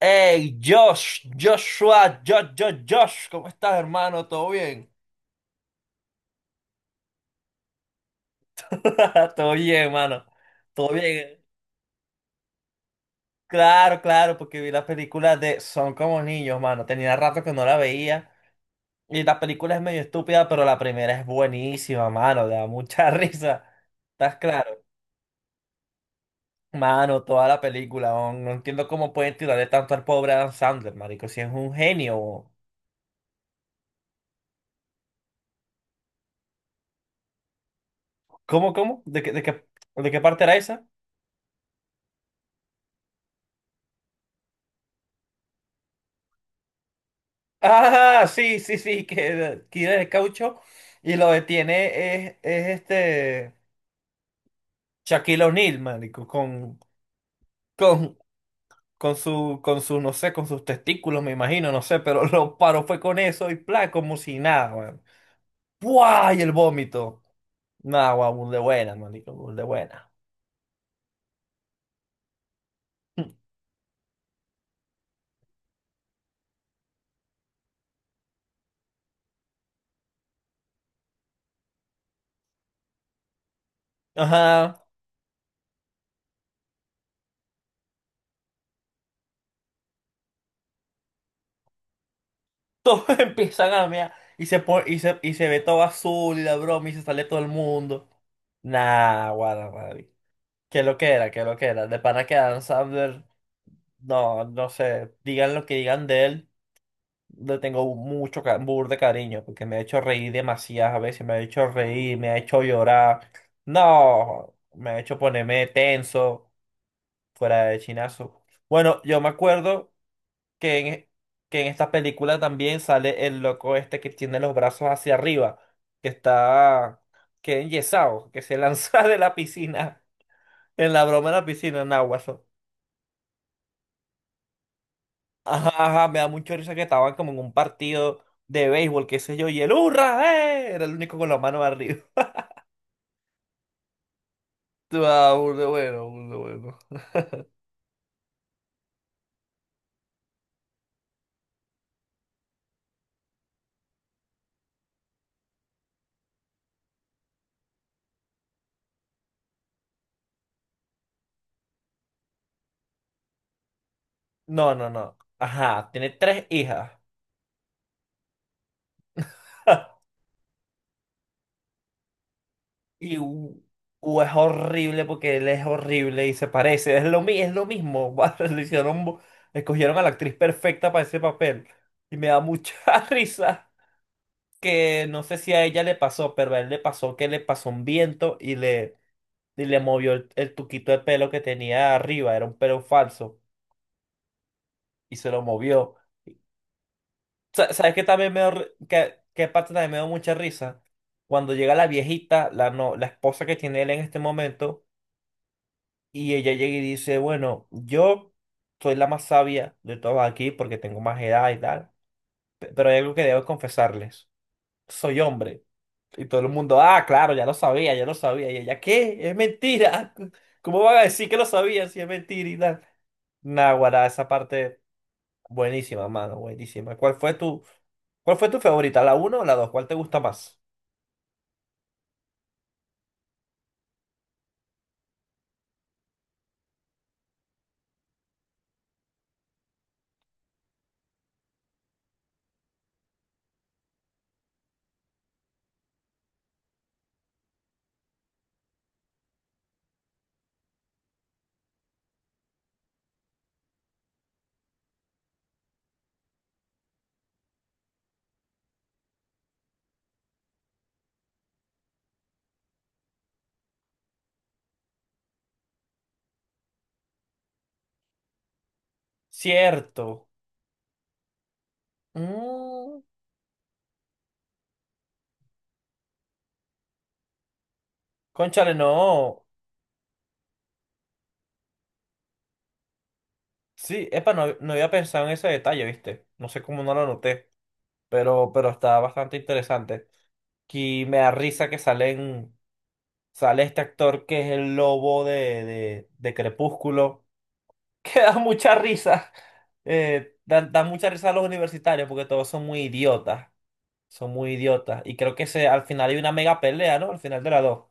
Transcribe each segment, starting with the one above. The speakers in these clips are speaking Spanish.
Hey, Josh, Joshua, Josh, Josh, Josh, ¿cómo estás, hermano? ¿Todo bien? Todo bien, hermano. Todo bien. Claro, claro, porque vi la película de Son como niños, mano. Tenía rato que no la veía. Y la película es medio estúpida, pero la primera es buenísima, mano. Da mucha risa. ¿Estás claro? Mano, toda la película. No, no entiendo cómo pueden tirarle tanto al pobre Adam Sandler, marico. Si es un genio. ¿Cómo, cómo? ¿De qué, de qué parte era esa? Ah, sí, sí, sí, que tira el caucho y lo detiene es este Shaquille O'Neal, marico, con, con su, con su, no sé, con sus testículos, me imagino, no sé, pero lo paró fue con eso y plan, como si nada, weón. ¡Buah! Y el vómito. Nah, guau, burda de buena, marico, burda de buena. Ajá. Todos empiezan a mear y se ve todo azul y la broma y se sale todo el mundo. Nah, guau, qué lo que era, qué lo que era. De pana que Adam Sandler, no, no sé, digan lo que digan de él, le tengo burda de cariño, porque me ha hecho reír demasiadas veces, me ha hecho reír, me ha hecho llorar. No, me ha hecho ponerme tenso, fuera de chinazo. Bueno, yo me acuerdo que en, que en esta película también sale el loco este que tiene los brazos hacia arriba, que está, que es enyesado, que se lanza de la piscina. En la broma de la piscina, en Aguaso. Ajá, ajá, me da mucha risa que estaban como en un partido de béisbol, qué sé yo, y el ¡hurra! ¡Eh! Era el único con la mano arriba. Ah, burda bueno, burda bueno. No, no, no. Ajá, tiene tres hijas. Y u es horrible porque él es horrible y se parece. Es lo mismo. Escogieron a la actriz perfecta para ese papel. Y me da mucha risa que no sé si a ella le pasó, pero a él le pasó que le pasó un viento y le movió el tuquito de pelo que tenía arriba, era un pelo falso, y se lo movió. ¿Sabes qué también qué, parte también me dio mucha risa? Cuando llega la viejita, la, no, la esposa que tiene él en este momento, y ella llega y dice, bueno, yo soy la más sabia de todos aquí porque tengo más edad y tal, pero hay algo que debo confesarles, soy hombre. Y todo el mundo, ah, claro, ya lo sabía, ya lo sabía. Y ella, ¿qué? Es mentira. ¿Cómo van a decir que lo sabía si es mentira y tal? Naguará, esa parte buenísima, mano, buenísima. Cuál fue tu favorita? ¿La uno o la dos? ¿Cuál te gusta más? Cierto. Mm, cónchale, no. Sí, epa, no, no había pensado en ese detalle, ¿viste? No sé cómo no lo noté, pero está bastante interesante. Y me da risa que salen. Sale este actor que es el lobo de Crepúsculo, que da mucha risa. Da mucha risa a los universitarios porque todos son muy idiotas. Son muy idiotas. Y creo al final hay una mega pelea, ¿no? Al final de las dos.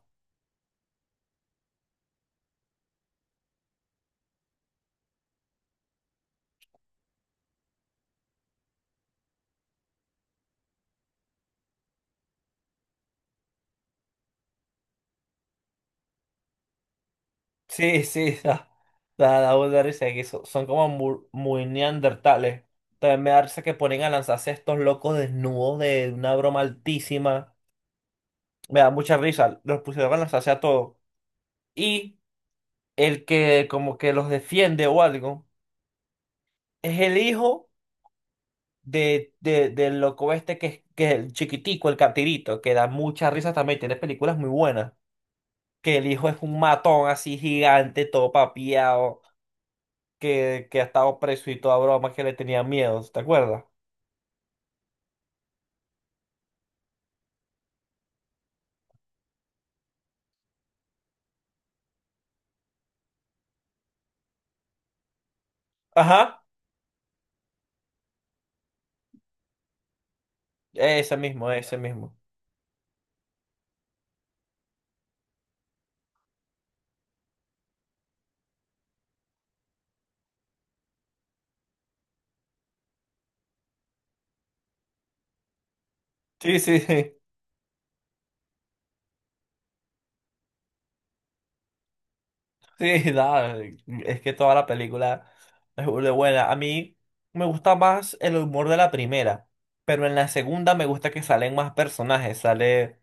Sí, sí, da mucha risa. Que son como muy, neandertales. También me da risa que ponen a lanzarse a estos locos desnudos de una broma altísima. Me da mucha risa. Los pusieron a lanzarse a todos. Y el que como que los defiende o algo. Es el hijo del loco este que es el chiquitico, el captirito, que da muchas risas también, tiene películas muy buenas. Que el hijo es un matón así gigante, todo papiado, que ha estado preso y toda broma, que le tenía miedo, ¿te acuerdas? Ajá, ese mismo, ese mismo. Sí, sí, sí, sí, nada, es que toda la película es burda de buena. A mí me gusta más el humor de la primera, pero en la segunda me gusta que salen más personajes,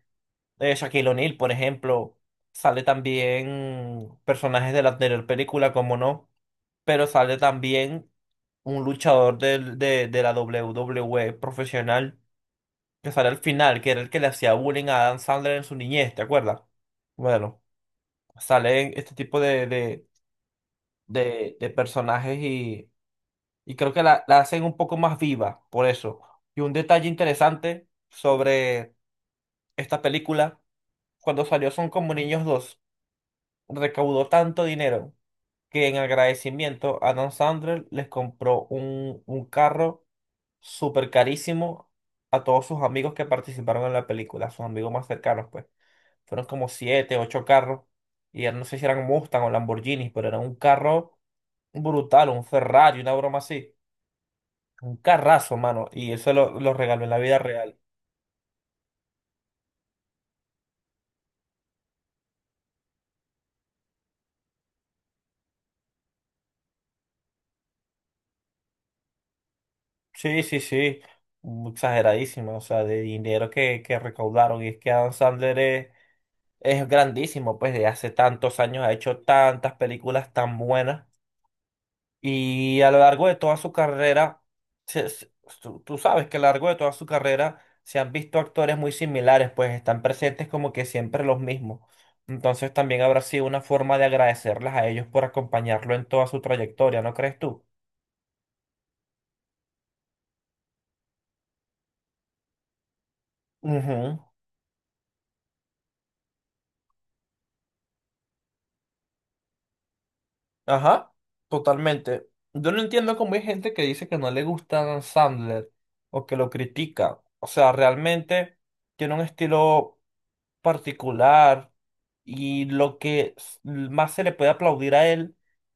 de Shaquille O'Neal, por ejemplo. Sale también personajes de la anterior película, como no, pero sale también un luchador de la WWE profesional que sale al final, que era el que le hacía bullying a Adam Sandler en su niñez, ¿te acuerdas? Bueno, salen este tipo de personajes y creo que la hacen un poco más viva, por eso. Y un detalle interesante sobre esta película, cuando salió Son como niños 2 recaudó tanto dinero que en agradecimiento Adam Sandler les compró un carro súper carísimo a todos sus amigos que participaron en la película, a sus amigos más cercanos, pues. Fueron como siete, ocho carros. Y ya no sé si eran Mustang o Lamborghinis, pero era un carro brutal, un Ferrari, una broma así. Un carrazo, mano. Y eso lo regaló en la vida real. Sí, sí, sí, exageradísima, o sea, de dinero que recaudaron. Y es que Adam Sandler es grandísimo, pues de hace tantos años ha hecho tantas películas tan buenas. Y a lo largo de toda su carrera, se- se- tú sabes que a lo largo de toda su carrera se han visto actores muy similares, pues están presentes como que siempre los mismos. Entonces también habrá sido una forma de agradecerles a ellos por acompañarlo en toda su trayectoria, ¿no crees tú? Ujú. Ajá, totalmente. Yo no entiendo cómo hay gente que dice que no le gusta Sandler o que lo critica. O sea, realmente tiene un estilo particular y lo que más se le puede aplaudir a él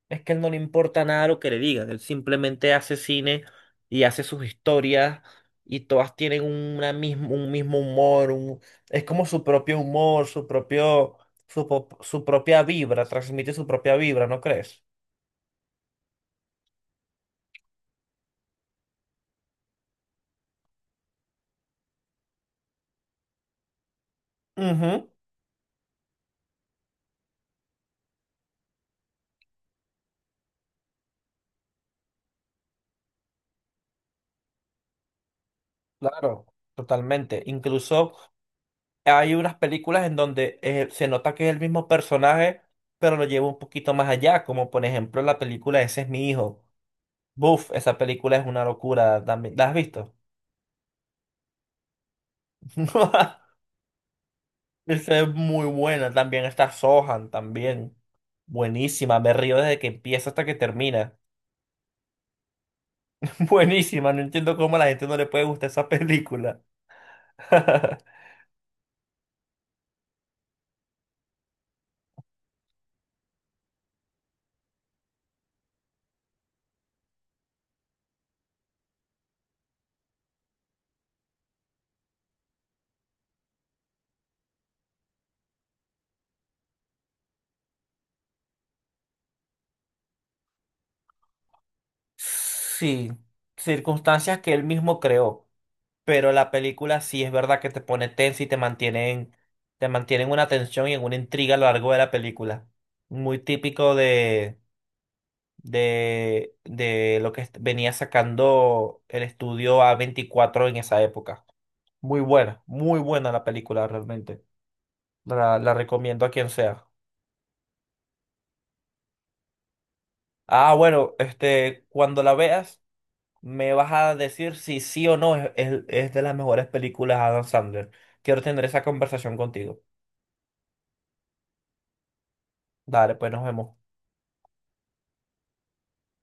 es que él no le importa nada lo que le digan. Él simplemente hace cine y hace sus historias y todas tienen una mismo, un mismo humor. Es como su propio humor, su propia vibra, transmite su propia vibra, ¿no crees? Ujú, claro, totalmente. Incluso hay unas películas en donde se nota que es el mismo personaje, pero lo lleva un poquito más allá, como por ejemplo la película Ese es mi hijo. Buf, esa película es una locura también. ¿La has visto? Esa es muy buena. También está Sohan, también. Buenísima, me río desde que empieza hasta que termina. Buenísima, no entiendo cómo a la gente no le puede gustar esa película. Sí, circunstancias que él mismo creó. Pero la película sí es verdad que te pone tensa y te mantienen una tensión y en una intriga a lo largo de la película. Muy típico de lo que venía sacando el estudio A24 en esa época. Muy buena la película realmente. La recomiendo a quien sea. Ah, bueno, cuando la veas, me vas a decir si sí o no es de las mejores películas de Adam Sandler. Quiero tener esa conversación contigo. Dale, pues nos vemos.